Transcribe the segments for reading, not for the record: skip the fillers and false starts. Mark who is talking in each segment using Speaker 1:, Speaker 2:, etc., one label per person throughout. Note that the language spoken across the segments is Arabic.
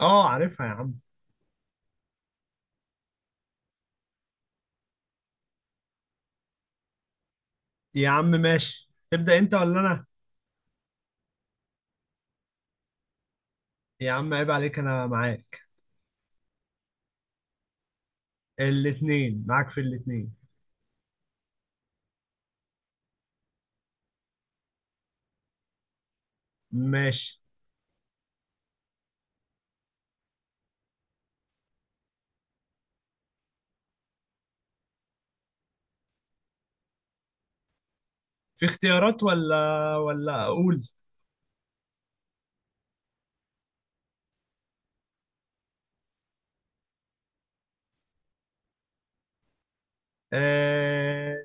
Speaker 1: اه عارفها يا عم. يا عم ماشي، تبدأ انت ولا انا؟ يا عم عيب عليك، انا معاك. الاتنين معاك، في الاتنين. ماشي. في اختيارات ولا ولا اقول؟ آه...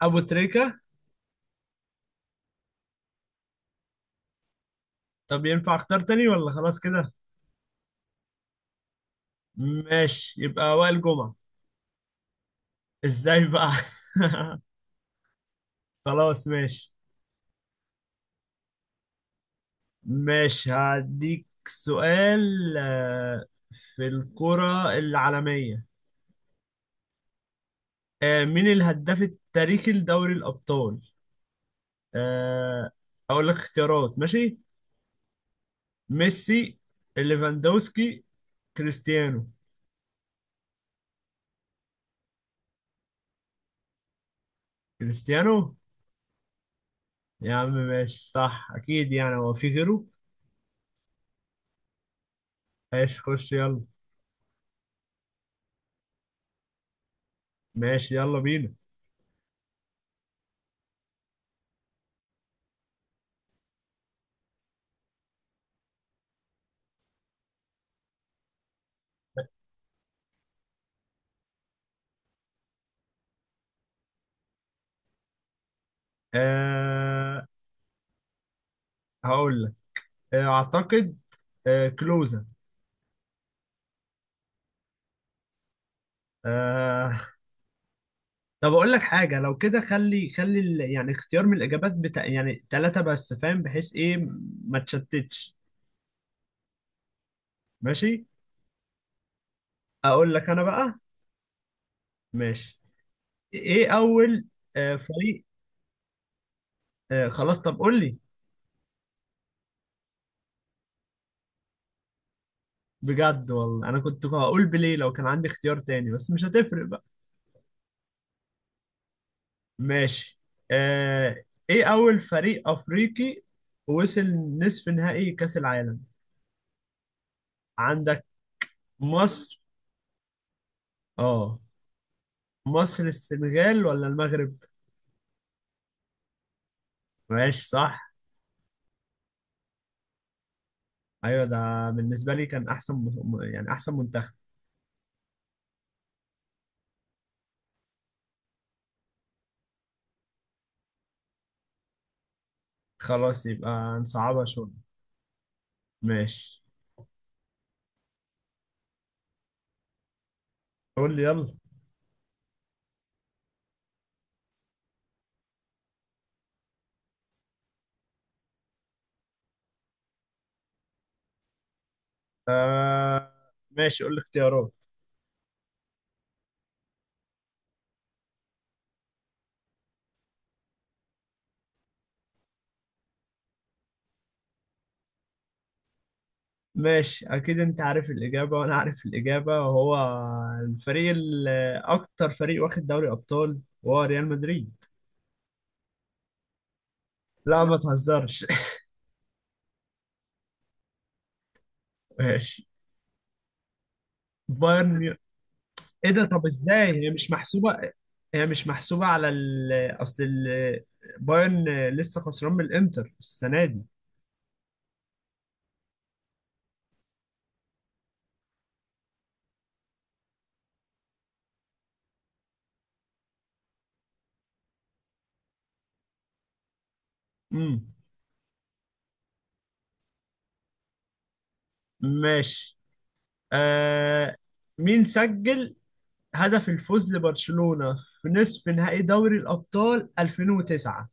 Speaker 1: ابو تريكة. طب ينفع اختار تاني ولا خلاص كده؟ ماشي يبقى وائل جمعة. ازاي بقى؟ خلاص ماشي. ماشي هديك سؤال. في الكرة العالمية. مين الهداف التاريخي لدوري الأبطال؟ آه، اقول لك اختيارات؟ ماشي. ميسي، ليفاندوسكي، كريستيانو. كريستيانو. يا عم ماشي صح اكيد، يعني هو في غيره. ماشي خش يلا. ماشي يلا بينا. أه هقول لك. اعتقد أه كلوزا. أه طب اقول لك حاجه، لو كده خلي يعني اختيار من الاجابات بتاع يعني ثلاثه بس، فاهم؟ بحيث ايه ما تشتتش. ماشي. اقول لك انا بقى. ماشي. ايه اول فريق. آه خلاص طب قول لي. بجد والله انا كنت هقول بليه لو كان عندي اختيار تاني، بس مش هتفرق بقى. ماشي. آه. ايه اول فريق افريقي وصل نصف نهائي كاس العالم عندك؟ مصر. اه مصر، السنغال ولا المغرب؟ ماشي صح. ايوه ده بالنسبه لي كان احسن يعني احسن منتخب. خلاص يبقى نصعبها شويه. ماشي قول لي يلا. آه ماشي قول لي اختيارات. ماشي اكيد انت عارف الاجابه وانا عارف الاجابه وهو الفريق ال- اكتر فريق واخد دوري ابطال وهو ريال مدريد. لا ما تهزرش. ماشي. بايرن ميو... ايه ده؟ طب ازاي هي مش محسوبه؟ هي مش محسوبه اصل ال... بايرن لسه خسران من الانتر السنه دي. امم ماشي. آه... مين سجل هدف الفوز لبرشلونه في نصف نهائي دوري الابطال 2009؟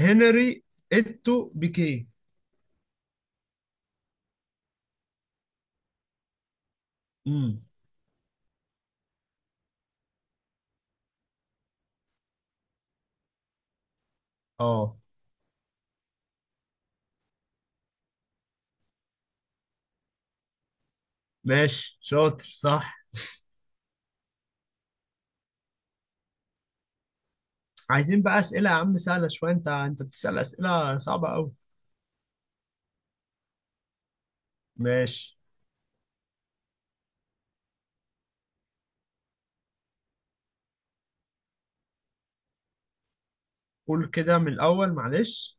Speaker 1: هنري، اتو، بيكيه. امم اه ماشي شاطر صح. عايزين بقى اسئله يا عم سهله شويه، انت بتسال اسئله صعبه قوي. ماشي. قول كده من الاول معلش.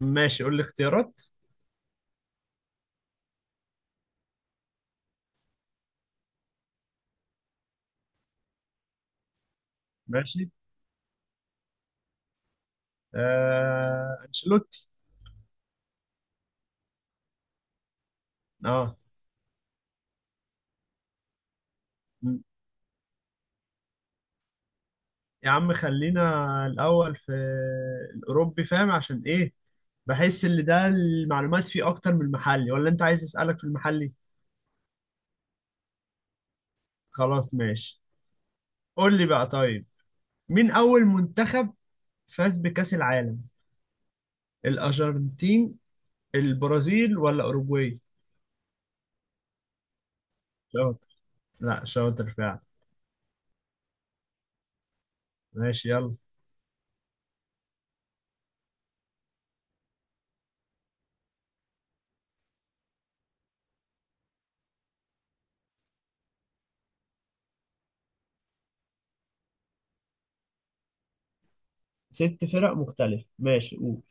Speaker 1: ماشي قول لي اختيارات. ماشي. انشيلوتي. اه. م. يا عم خلينا الاول في الاوروبي، فاهم عشان ايه؟ بحس ان ده المعلومات فيه اكتر من المحلي، ولا انت عايز اسالك في المحلي؟ خلاص ماشي. قول لي بقى طيب. مين اول منتخب فاز بكأس العالم؟ الأرجنتين، البرازيل ولا أوروجواي؟ شاطر. لا شاطر فعلا. ماشي يلا. ست فرق مختلفة، ماشي قول.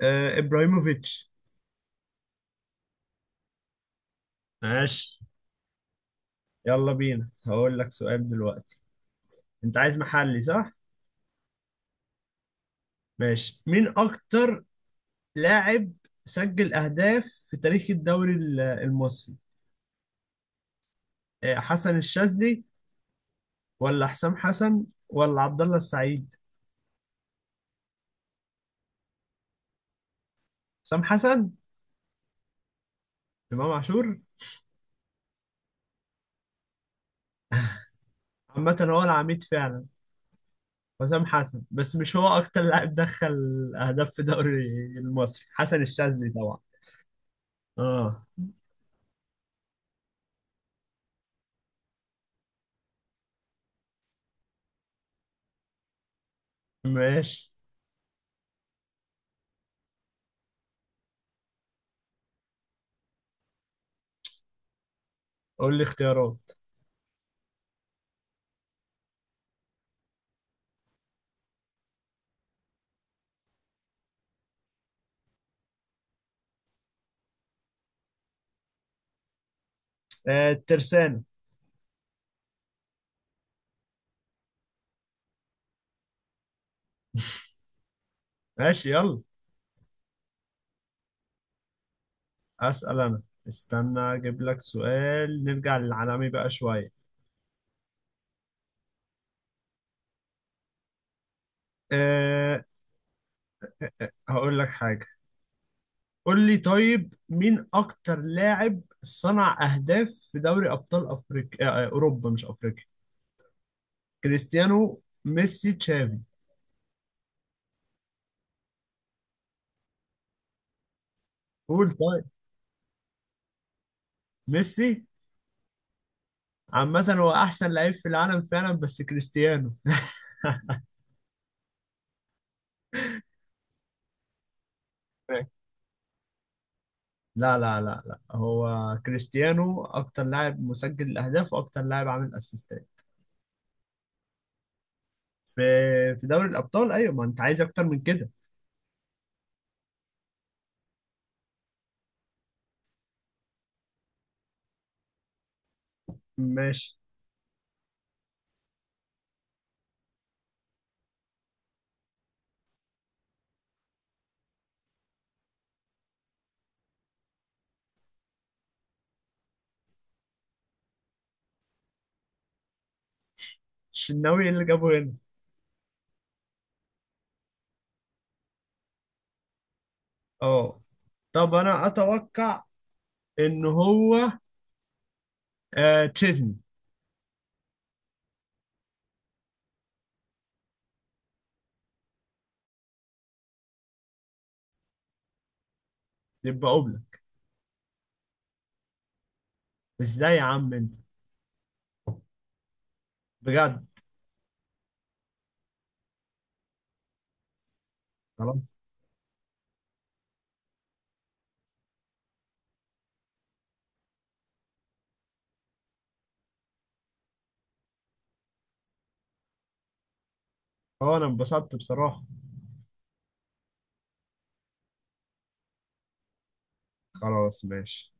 Speaker 1: آه إبراهيموفيتش. ماشي. يلا بينا هقول لك سؤال دلوقتي. أنت عايز محلي صح؟ ماشي. مين أكتر لاعب سجل أهداف في تاريخ الدوري المصري؟ آه حسن الشاذلي ولا حسام حسن ولا عبد الله السعيد؟ حسام حسن. إمام عاشور. عامة هو العميد فعلا حسام حسن، بس مش هو اكتر لاعب دخل اهداف في دوري المصري. حسن الشاذلي طبعا. اه. ماشي قول لي اختيارات. آه الترسانة. ماشي يلا. اسال انا. استنى اجيب لك سؤال نرجع للعالمي بقى شويه. آه هقول لك حاجه. قول لي طيب مين اكتر لاعب صنع اهداف في دوري ابطال افريقيا آه آه، اوروبا مش افريقيا. كريستيانو، ميسي، تشافي. قول طيب. ميسي. عامة هو أحسن لعيب في العالم فعلا، بس كريستيانو. لا هو كريستيانو أكتر لاعب مسجل الأهداف وأكتر لاعب عامل أسيستات. في في دوري الأبطال، أيوة ما أنت عايز أكتر من كده. ماشي. الشناوي اللي جابه هنا. أه. طب أنا أتوقع إن هو تشيزني. يبقى أوبلاك. إزاي يا عم أنت؟ بجد. خلاص. هو أنا انبسطت بصراحة. خلاص ماشي.